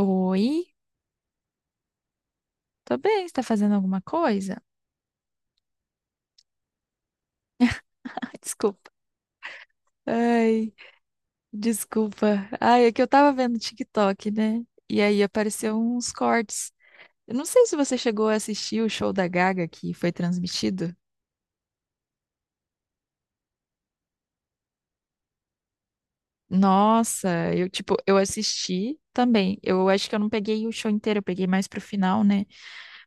Oi, tô bem, você tá fazendo alguma coisa? Ai, desculpa. Ai, desculpa. Ai, é que eu tava vendo TikTok, né? E aí apareceu uns cortes. Eu não sei se você chegou a assistir o show da Gaga que foi transmitido. Nossa, eu tipo, eu assisti também. Eu acho que eu não peguei o show inteiro, eu peguei mais pro final, né?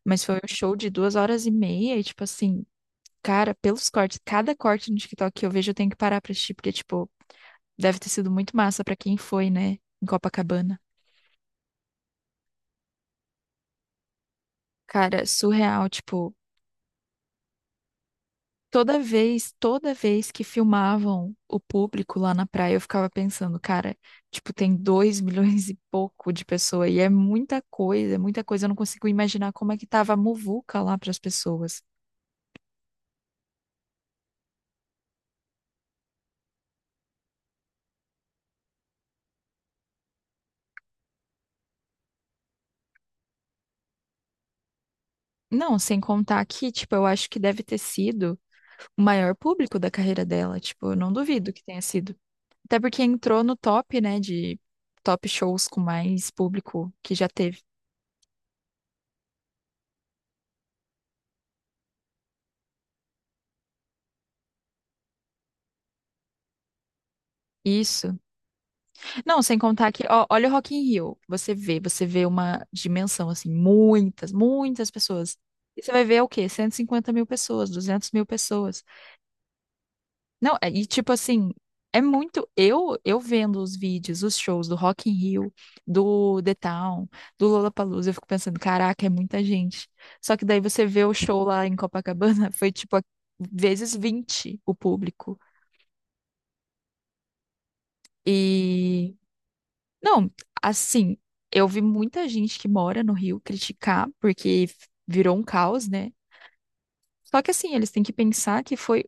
Mas foi um show de 2h30 e tipo assim, cara, pelos cortes, cada corte no TikTok que eu vejo eu tenho que parar pra assistir, porque tipo, deve ter sido muito massa pra quem foi, né, em Copacabana. Cara, surreal, tipo, toda vez que filmavam o público lá na praia, eu ficava pensando, cara, tipo, tem dois milhões e pouco de pessoa e é muita coisa, eu não consigo imaginar como é que tava a muvuca lá pras pessoas. Não, sem contar que, tipo, eu acho que deve ter sido o maior público da carreira dela, tipo, eu não duvido que tenha sido. Até porque entrou no top, né, de top shows com mais público que já teve. Isso. Não, sem contar que, ó, olha o Rock in Rio. Você vê uma dimensão, assim, muitas, muitas pessoas. E você vai ver o quê? 150 mil pessoas, 200 mil pessoas. Não, e tipo assim, é muito. Eu vendo os vídeos, os shows do Rock in Rio, do The Town, do Lollapalooza, eu fico pensando, caraca, é muita gente. Só que daí você vê o show lá em Copacabana, foi tipo vezes 20 o público. Não, assim, eu vi muita gente que mora no Rio criticar porque virou um caos, né? Só que assim, eles têm que pensar que foi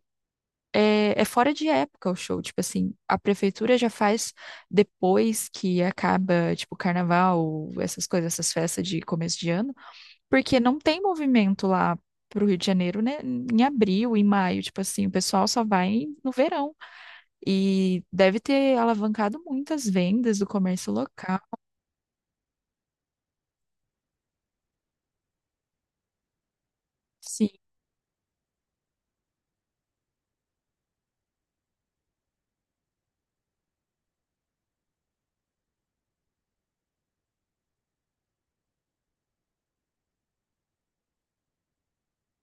é, é fora de época o show, tipo assim, a prefeitura já faz depois que acaba, tipo, carnaval, essas coisas, essas festas de começo de ano, porque não tem movimento lá pro Rio de Janeiro, né? Em abril, em maio, tipo assim, o pessoal só vai no verão e deve ter alavancado muitas vendas do comércio local.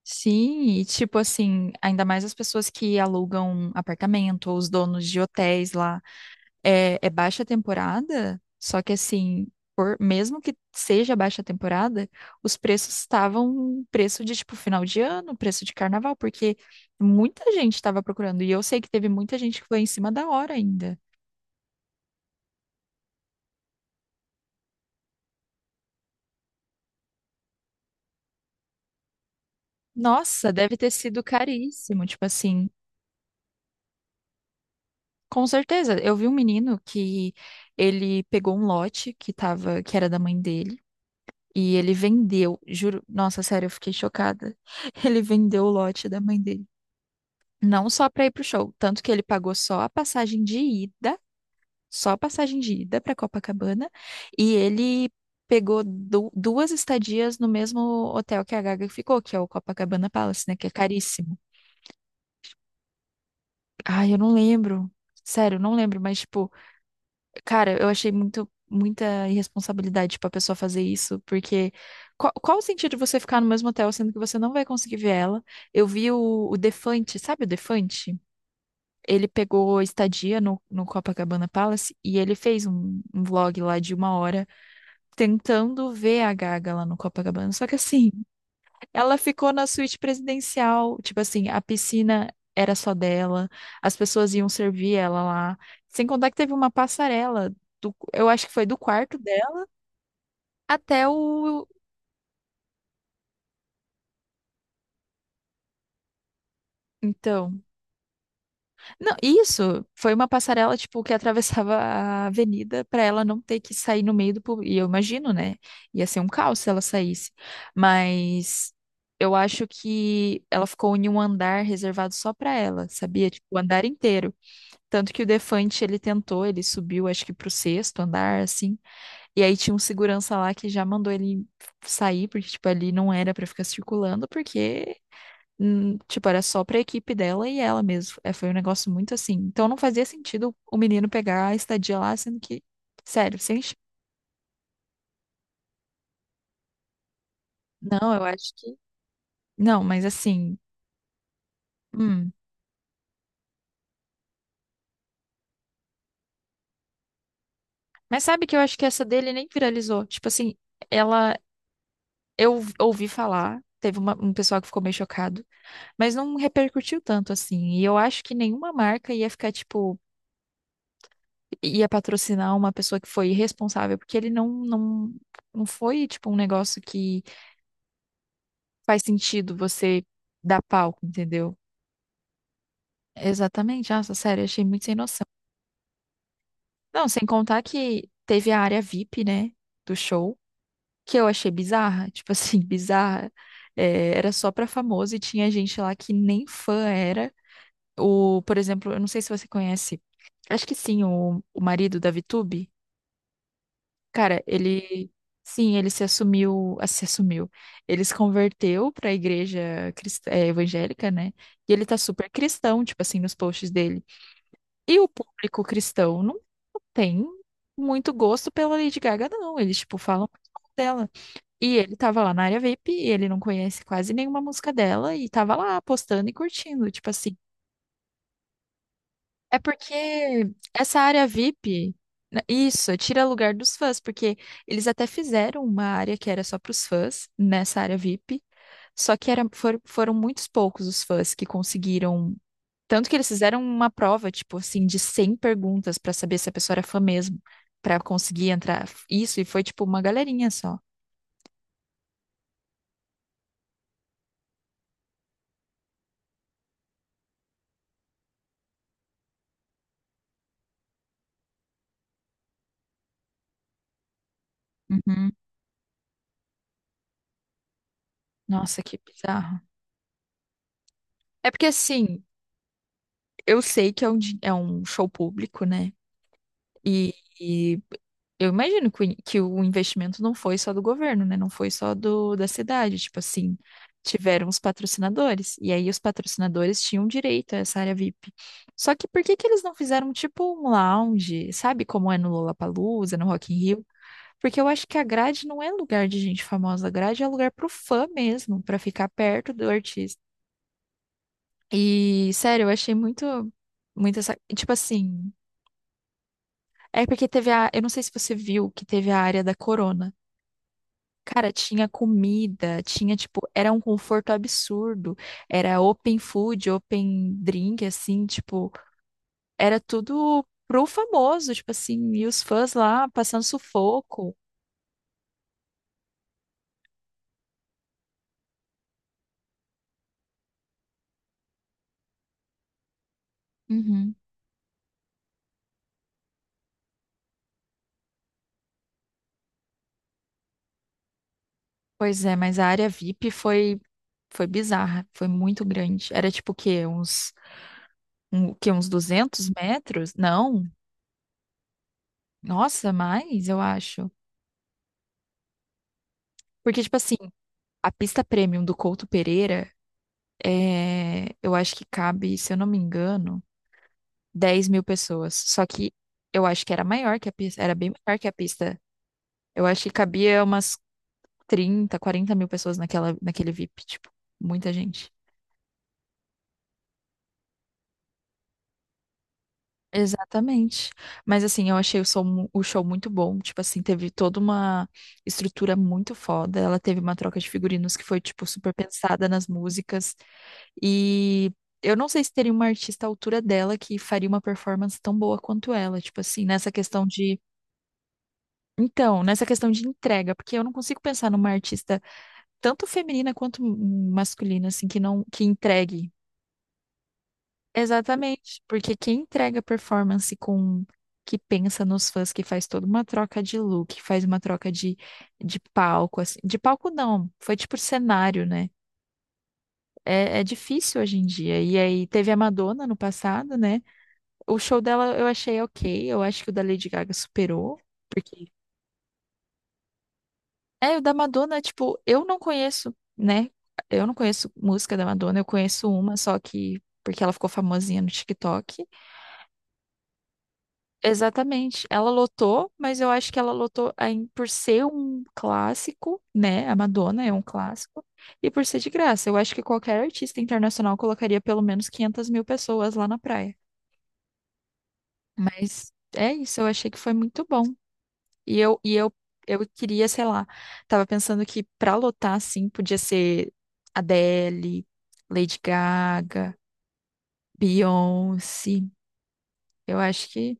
Sim, e tipo assim, ainda mais as pessoas que alugam apartamento ou os donos de hotéis lá. É baixa temporada, só que assim, mesmo que seja baixa temporada, os preços estavam preço de tipo final de ano, preço de carnaval, porque muita gente estava procurando. E eu sei que teve muita gente que foi em cima da hora ainda. Nossa, deve ter sido caríssimo, tipo assim. Com certeza, eu vi um menino que ele pegou um lote que era da mãe dele. E ele vendeu, juro, nossa, sério, eu fiquei chocada. Ele vendeu o lote da mãe dele. Não só para ir pro show, tanto que ele pagou só a passagem de ida, só a passagem de ida para Copacabana, e ele pegou duas estadias no mesmo hotel que a Gaga ficou, que é o Copacabana Palace, né, que é caríssimo. Ai, eu não lembro. Sério, eu não lembro, mas tipo, cara, eu achei muito, muita irresponsabilidade pra pessoa fazer isso, porque qual o sentido de você ficar no mesmo hotel sendo que você não vai conseguir ver ela? Eu vi o Defante, sabe o Defante? Ele pegou estadia no Copacabana Palace e ele fez um vlog lá de uma hora tentando ver a Gaga lá no Copacabana. Só que assim, ela ficou na suíte presidencial, tipo assim, a piscina era só dela, as pessoas iam servir ela lá. Sem contar que teve uma passarela do, eu acho que foi do quarto dela até o. Então, não, isso foi uma passarela tipo que atravessava a avenida para ela não ter que sair no meio do público. E eu imagino, né? Ia ser um caos se ela saísse. Mas eu acho que ela ficou em um andar reservado só para ela, sabia? Tipo, o andar inteiro. Tanto que o Defante, ele tentou, ele subiu, acho que pro sexto andar, assim. E aí tinha um segurança lá que já mandou ele sair, porque, tipo, ali não era pra ficar circulando, porque, tipo, era só pra equipe dela e ela mesmo. É, foi um negócio muito assim. Então não fazia sentido o menino pegar a estadia lá, sendo que, sério. Sem. Ch- Não, eu acho que. Não, mas assim. Hum. Mas sabe que eu acho que essa dele nem viralizou. Tipo assim, ela. Eu ouvi falar, teve um pessoal que ficou meio chocado. Mas não repercutiu tanto assim. E eu acho que nenhuma marca ia ficar, tipo, ia patrocinar uma pessoa que foi irresponsável, porque ele não foi, tipo, um negócio que faz sentido você dar palco, entendeu? Exatamente. Nossa, sério, achei muito sem noção. Não, sem contar que teve a área VIP, né, do show, que eu achei bizarra. Tipo assim, bizarra. É, era só pra famoso e tinha gente lá que nem fã era. Por exemplo, eu não sei se você conhece, acho que sim, o marido da Vitube. Cara, ele, sim, ele se assumiu, se assumiu. Ele se converteu para a igreja evangélica, né? E ele tá super cristão, tipo assim, nos posts dele. E o público cristão não tem muito gosto pela Lady Gaga, não. Eles, tipo, falam muito mal dela. E ele tava lá na área VIP e ele não conhece quase nenhuma música dela e tava lá postando e curtindo, tipo assim. É porque essa área VIP, né, isso, tira lugar dos fãs, porque eles até fizeram uma área que era só para os fãs, nessa área VIP, só que foram muitos poucos os fãs que conseguiram. Tanto que eles fizeram uma prova, tipo assim, de 100 perguntas para saber se a pessoa era fã mesmo, para conseguir entrar. Isso, e foi tipo uma galerinha só. Uhum. Nossa, que bizarro. É porque assim, eu sei que é um show público, né? E, e eu imagino que o investimento não foi só do governo, né? Não foi só do, da cidade. Tipo assim, tiveram os patrocinadores. E aí os patrocinadores tinham direito a essa área VIP. Só que por que que eles não fizeram tipo um lounge, sabe? Como é no Lollapalooza, no Rock in Rio? Porque eu acho que a grade não é lugar de gente famosa. A grade é lugar pro fã mesmo, pra ficar perto do artista. E, sério, eu achei muito, muito essa. Tipo assim. É porque teve a. Eu não sei se você viu que teve a área da Corona. Cara, tinha comida, tinha, tipo, era um conforto absurdo. Era open food, open drink, assim, tipo, era tudo pro famoso, tipo assim, e os fãs lá passando sufoco. Uhum. Pois é, mas a área VIP foi bizarra, foi muito grande. Era tipo o quê? O quê? Uns 200 metros? Não, nossa, mais, eu acho. Porque, tipo assim, a pista premium do Couto Pereira. É, eu acho que cabe, se eu não me engano, 10 mil pessoas. Só que eu acho que era maior que a pista, era bem maior que a pista. Eu acho que cabia umas 30, 40 mil pessoas naquela, naquele VIP, tipo, muita gente. Exatamente. Mas assim, eu achei o show muito bom. Tipo assim, teve toda uma estrutura muito foda. Ela teve uma troca de figurinos que foi, tipo, super pensada nas músicas. E eu não sei se teria uma artista à altura dela que faria uma performance tão boa quanto ela, tipo assim, nessa questão de. Então, nessa questão de entrega, porque eu não consigo pensar numa artista tanto feminina quanto masculina, assim, que não, que entregue. Exatamente, porque quem entrega performance com que pensa nos fãs, que faz toda uma troca de look, que faz uma troca de palco, assim, de palco não, foi tipo cenário, né? É difícil hoje em dia. E aí teve a Madonna no passado, né? O show dela eu achei ok. Eu acho que o da Lady Gaga superou. Porque. É, o da Madonna, tipo, eu não conheço, né? Eu não conheço música da Madonna, eu conheço uma, só que porque ela ficou famosinha no TikTok. Exatamente. Ela lotou, mas eu acho que ela lotou aí por ser um clássico, né? A Madonna é um clássico. E por ser de graça. Eu acho que qualquer artista internacional colocaria pelo menos 500 mil pessoas lá na praia. Mas é isso, eu achei que foi muito bom. E eu queria, sei lá, tava pensando que pra lotar, assim, podia ser Adele, Lady Gaga, Beyoncé. Eu acho que.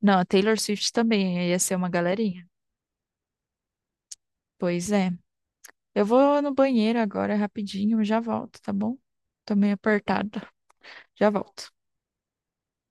Não, a Taylor Swift também aí ia ser uma galerinha. Pois é. Eu vou no banheiro agora rapidinho, eu já volto, tá bom? Tô meio apertada. Já volto.